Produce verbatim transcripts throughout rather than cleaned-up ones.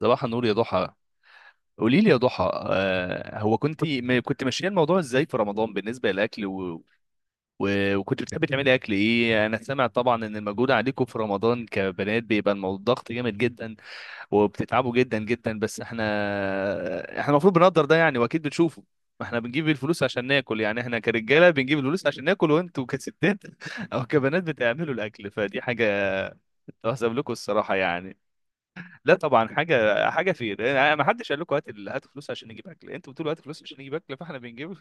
صباح النور يا ضحى. قولي لي يا ضحى، آه هو كنت ما كنت ماشيه الموضوع ازاي في رمضان بالنسبه للاكل و... و... وكنت بتحبي تعملي اكل ايه؟ انا سامع طبعا ان المجهود عليكم في رمضان كبنات بيبقى الموضوع ضغط جامد جدا، وبتتعبوا جدا جدا. بس احنا احنا المفروض بنقدر ده يعني، واكيد بتشوفوا ما احنا بنجيب الفلوس عشان ناكل، يعني احنا كرجاله بنجيب الفلوس عشان ناكل، وانتوا كستات او كبنات بتعملوا الاكل، فدي حاجه تحسب لكم الصراحه يعني. لا طبعا حاجه حاجه في أنا- ما حدش قال لكم هات ال- هاتوا فلوس عشان نجيب اكل. انتوا بتقولوا هاتوا فلوس عشان نجيب اكل، فاحنا بنجيب.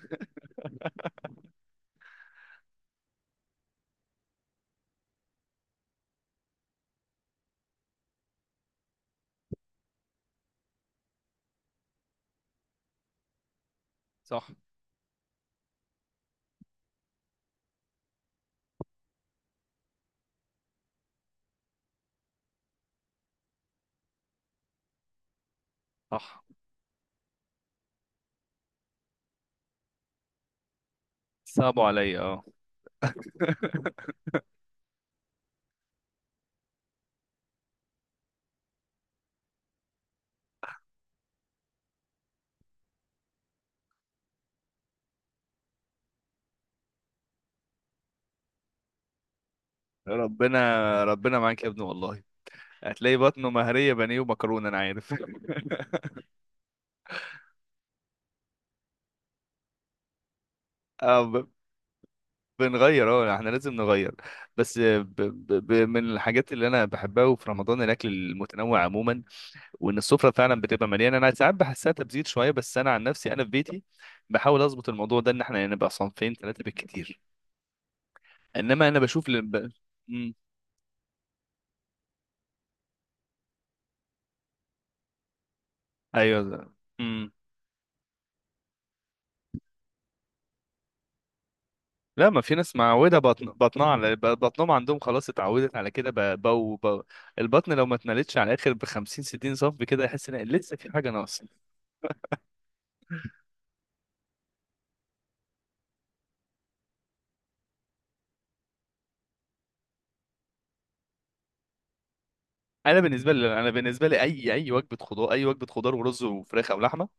صح صح. صعبوا عليا، اه. ربنا، ربنا معاك يا ابني والله. هتلاقي بطنه مهريه بانيه ومكرونه انا عارف. اه ب- بنغير، اه احنا لازم نغير. بس ب ب ب من الحاجات اللي انا بحبها وفي رمضان الاكل المتنوع عموما، وان السفره فعلا بتبقى مليانه. انا ساعات بحسها تبذير شويه، بس انا عن نفسي انا في بيتي بحاول اظبط الموضوع ده، ان احنا يعني نبقى صنفين ثلاثه بالكتير، انما انا بشوف ل... ب... مم. ايوه ده. مم. لا، ما في ناس معودة، بطن بطنها على ب- بطنهم عندهم خلاص اتعودت على كده ب... بو... بو... البطن لو ما اتملتش على الاخر ب خمسين ستين سم كده، يحس ان لسه في حاجة ناقصة. انا بالنسبة لي انا بالنسبة لي، اي اي وجبة خضار، اي وجبة خضار ورز وفراخ او لحمة،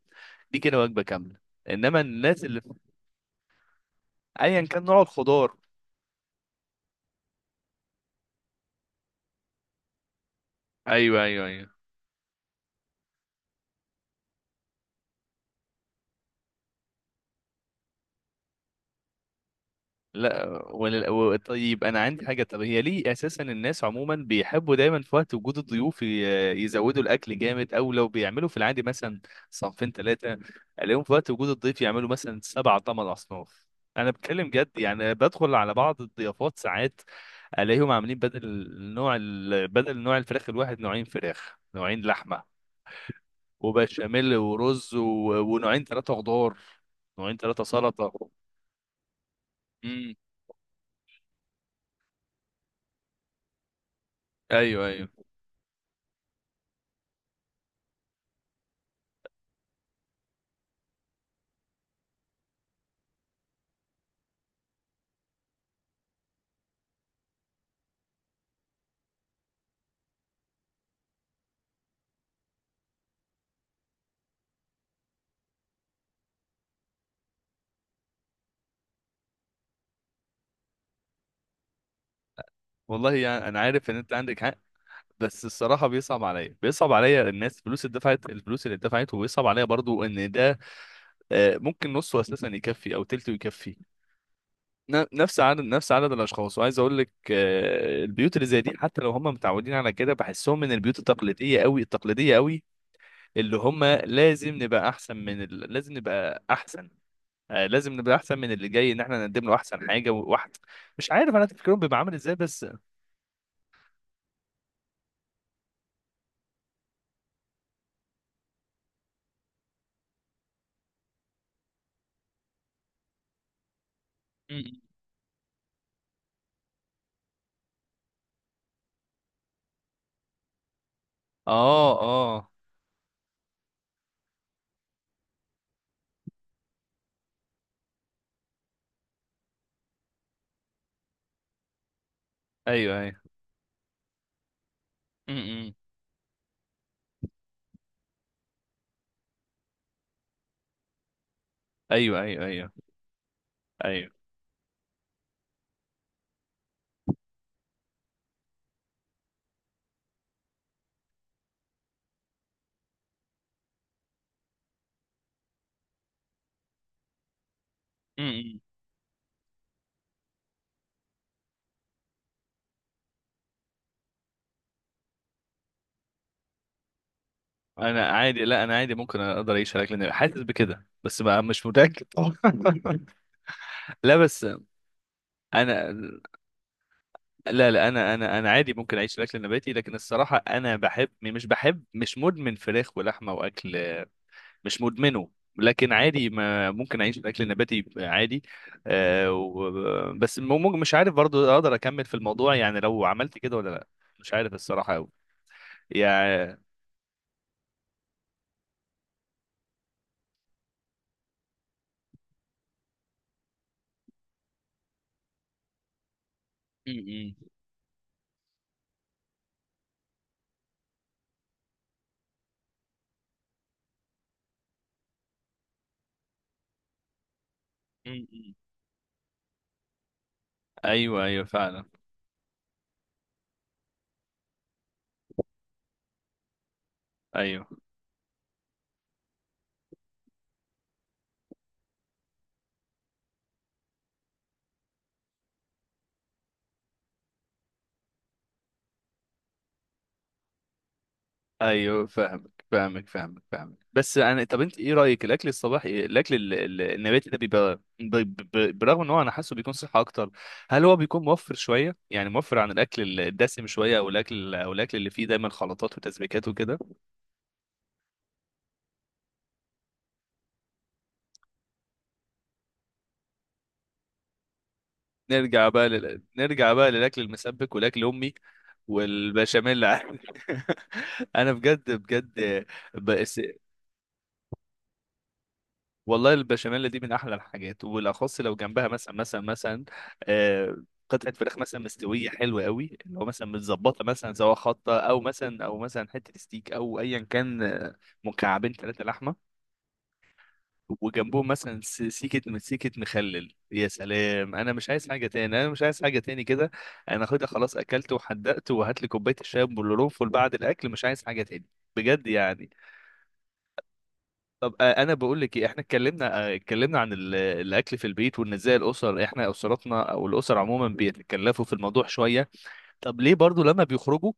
دي كده وجبة كاملة. انما الناس اللي ايا كان نوع الخضار. ايوه ايوه ايوه. لا، ولا و- طيب انا عندي حاجه. طب هي ليه اساسا الناس عموما بيحبوا دايما في وقت وجود الضيوف ي- يزودوا الاكل جامد؟ او لو بيعملوا في العادي مثلا صنفين ثلاثه، الاقيهم في وقت وجود الضيف يعملوا مثلا سبع ثمان اصناف. انا بتكلم جد يعني، بدخل على بعض الضيافات ساعات الاقيهم عاملين بدل نوع ال... بدل نوع الفراخ الواحد، نوعين فراخ، نوعين لحمه، وبشاميل ورز و... ونوعين ثلاثه خضار، نوعين ثلاثه سلطه. امم. ايوه ايوه. والله يعني انا عارف ان انت عندك حق، بس الصراحه بيصعب عليا بيصعب عليا الناس، الفلوس اللي دفعت، الفلوس اللي دفعت وبيصعب عليا برضو ان ده آه، ممكن نصه اساسا يكفي او تلته يكفي ن- نفس عدد نفس عدد الاشخاص. وعايز اقول لك، آه، البيوت اللي زي دي حتى لو هم متعودين على كده، بحسهم من البيوت التقليديه قوي، التقليديه قوي، اللي هم لازم نبقى احسن من ال... لازم نبقى احسن، آه، لازم نبقى احسن من اللي جاي، ان احنا نقدم له احسن حاجه. وواحد مش عارف انا تفكيرهم بيبقى عامل ازاي، بس م- م. اه اه. ايوه ايوه. امم. ايوه ايوه ايوه ايوه. امم. انا عادي، لا انا عادي ممكن اقدر اعيش على الاكل، حاسس بكده بس بقى مش متاكد طبعا. لا بس انا، لا لا انا انا انا عادي ممكن اعيش على الاكل النباتي، لكن الصراحه انا بحب، مش بحب مش مدمن فراخ ولحمه واكل، مش مدمنه، لكن عادي ما ممكن اعيش على الاكل النباتي عادي. آه و... بس ممكن، مش عارف برضو اقدر اكمل في الموضوع يعني لو عملت كده ولا لا، مش عارف الصراحه قوي يعني. مم. ايوه ايوه فعلا. ايوه ايوه فاهمك فاهمك فاهمك فاهمك بس انا، طب انت ايه رايك الاكل الصباحي، الاكل ال- ال- النباتي ده بيبقى ب- ب- برغم ان هو انا حاسه بيكون صحه اكتر، هل هو بيكون موفر شويه؟ يعني موفر عن الاكل ال- الدسم شويه، او الاكل، او الاكل اللي فيه دايما خلطات وتسبيكات وكده. نرجع بقى لل... نرجع بقى للاكل المسبك والاكل امي والبشاميل. انا بجد بجد، والله البشاميل دي من احلى الحاجات، وبالاخص لو جنبها مثلا مثلا مثلا آه، قطعه فراخ مثلا مستويه حلوه قوي، اللي هو مثلا متظبطه، مثلا سواء خطه، او مثلا او مثلا حته ستيك، او ايا كان آه، مكعبين ثلاثه لحمه، وجنبهم مثلا س- سيكه سيكه مخلل، يا سلام! انا مش عايز حاجه تاني، انا مش عايز حاجه تاني كده انا خدها خلاص، اكلت وحدقت، وهات لي كوبايه الشاي بالقرنفل بعد الاكل، مش عايز حاجه تاني بجد يعني. طب آه، انا بقول لك إيه، احنا اتكلمنا آه، اتكلمنا عن ال- الاكل في البيت، وان ازاي الاسر، احنا اسرتنا او الاسر عموما بيتكلفوا في الموضوع شويه. طب ليه برضو لما بيخرجوا،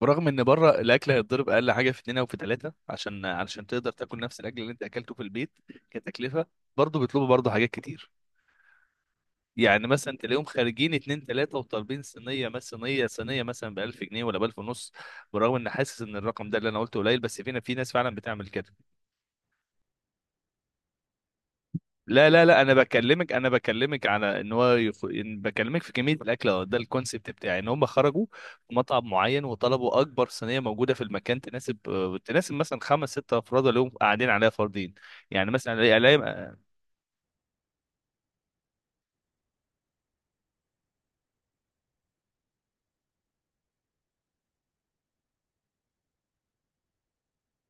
برغم ان بره الاكل هيتضرب اقل حاجه في اتنين او في ثلاثه عشان علشان تقدر تاكل نفس الاكل اللي انت اكلته في البيت كتكلفه، برضو بيطلبوا برضو حاجات كتير. يعني مثلا تلاقيهم خارجين اتنين تلاته وطالبين صينيه مثلا، صينيه صينيه مثلا ب ألف جنيه، ولا ب ألف ونص، برغم ان حاسس ان الرقم ده اللي انا قلته قليل، بس فينا في ناس فعلا بتعمل كده. لا لا لا انا بكلمك، انا بكلمك على ان هو يخ... إن بكلمك في كميه الاكل أهو، ده الكونسيبت بتاعي ان هم خرجوا في مطعم معين وطلبوا اكبر صينيه موجوده في المكان تناسب، آه، تناسب مثلا خمس ست افراد، اللي هم قاعدين عليها فردين. يعني مثلا ألاقي- ألاقي-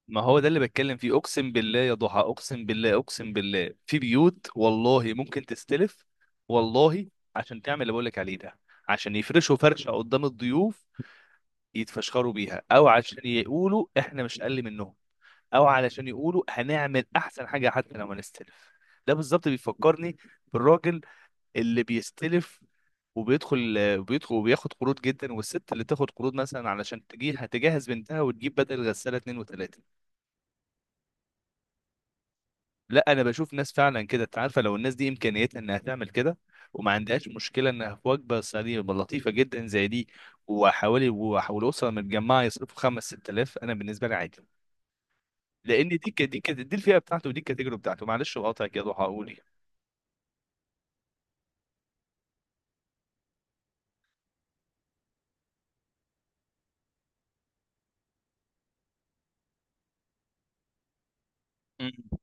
ما هو ده اللي بتكلم فيه، اقسم بالله يا ضحى، اقسم بالله اقسم بالله في بيوت والله ممكن تستلف، والله، عشان تعمل اللي بقول لك عليه ده، عشان يفرشوا فرشه قدام الضيوف يتفشخروا بيها، او عشان يقولوا احنا مش اقل منهم، او علشان يقولوا هنعمل احسن حاجه حتى لو ما نستلف. ده بالظبط بيفكرني بالراجل اللي بيستلف وبيدخل وبيدخل وبياخد قروض جدا، والست اللي تاخد قروض مثلا علشان تجي هتجهز بنتها وتجيب بدل غساله اتنين وتلاته. لا انا بشوف ناس فعلا كده، انت عارفه لو الناس دي امكانيتها انها تعمل كده وما عندهاش مشكله، انها في وجبه سريعه لطيفه جدا زي دي، وحوالي وحوالي اسره متجمعه يصرفوا خمس ست الاف، انا بالنسبه لي عادي، لان دي ك- دي ك- دي الفئه بتاعته، ودي الكاتيجوري بتاعته. معلش بقاطعك يا ضحى اقول. مم.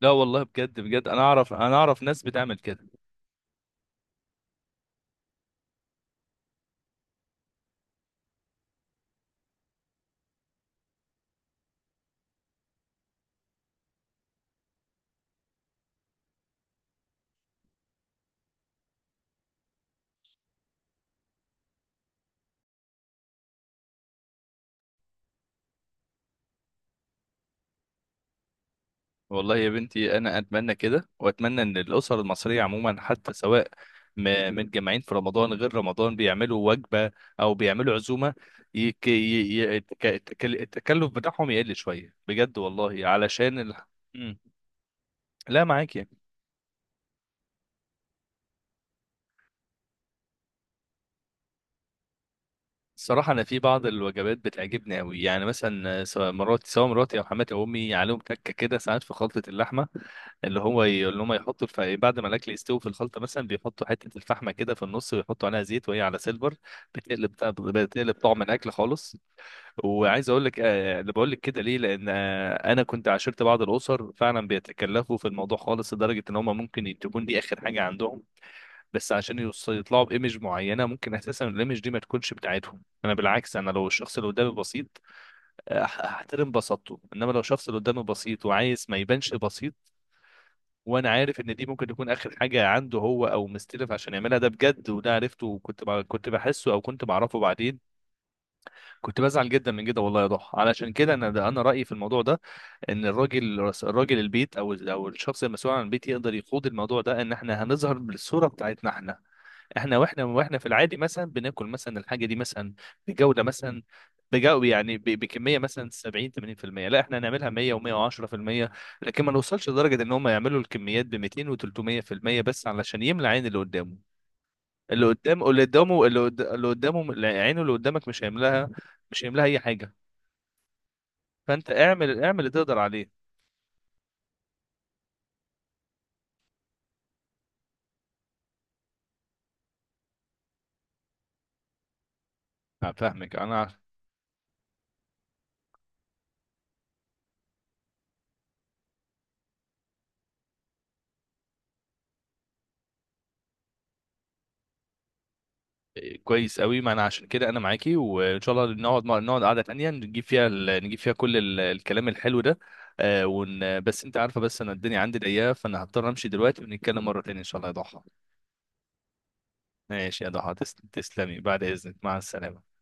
لا والله بجد بجد، انا اعرف، انا اعرف ناس بتعمل كده. والله يا بنتي انا اتمنى كده، واتمنى ان الاسر المصريه عموما حتى سواء م- متجمعين في رمضان غير رمضان، بيعملوا وجبه او بيعملوا عزومه، يك... ي... ي... التك- التكل- التكلف بتاعهم يقل شويه بجد والله علشان ال... مم. لا معاك يعني. الصراحة أنا في بعض الوجبات بتعجبني أوي، يعني مثلا سواء مراتي سواء مراتي أو حماتي أو أمي، عليهم تكة كده ساعات في خلطة اللحمة، اللي هو ي- اللي هم يحطوا الف... بعد ما الأكل يستوي في الخلطة مثلا، بيحطوا حتة الفحمة كده في النص، ويحطوا عليها زيت وهي على سيلفر، بتقلب بتقلب طعم الأكل خالص. وعايز أقول لك، آه، اللي بقول لك كده ليه، لأن آه، أنا كنت عاشرت بعض الأسر فعلا بيتكلفوا في الموضوع خالص، لدرجة إن هم ممكن تكون دي آخر حاجة عندهم، بس عشان يوص- يطلعوا بايمج معينه، ممكن اساسا الايمج دي ما تكونش بتاعتهم. انا بالعكس، انا لو الشخص اللي قدامي بسيط أح- احترم بساطته، انما لو الشخص اللي قدامي بسيط وعايز ما يبانش بسيط، وانا عارف ان دي ممكن تكون اخر حاجه عنده، هو او مستلف عشان يعملها ده بجد، وده عرفته وكنت ب... كنت بحسه او كنت بعرفه بعدين، كنت بزعل جدا من كده والله يا ضحى. علشان كده انا، ده انا رايي في الموضوع ده، ان الراجل الراجل البيت، او او الشخص المسؤول عن البيت يقدر يقود الموضوع ده، ان احنا هنظهر بالصوره بتاعتنا احنا، احنا واحنا واحنا في العادي مثلا بناكل مثلا الحاجه دي مثلا بجوده، مثلا بجو يعني ب- بكميه مثلا سبعين ثمانين في المية، لا احنا هنعملها مية و110%، لكن ما نوصلش لدرجه ان هم يعملوا الكميات ب ميتين و300% بس علشان يملى عين اللي قدامه. اللي قدامه، اللي قدامه اللي قد- اللي قدامه عينه، اللي قدامك مش هيملاها، مش هيملاها اي حاجه. فانت اعمل، اعمل اللي تقدر عليه. أنا فاهمك، انا. كويس قوي، ما انا عشان كده انا معاكي، وان شاء الله نقعد، نقعد قعده تانية نجيب فيها ال... نجيب فيها كل ال... الكلام الحلو ده. آه ون... بس انت عارفه، بس انا الدنيا عندي ضيقه، فانا هضطر امشي دلوقتي ونتكلم مره تانية ان شاء الله يا ضحى. ماشي يا ضحى تسلم- تسلمي، بعد اذنك، مع السلامه.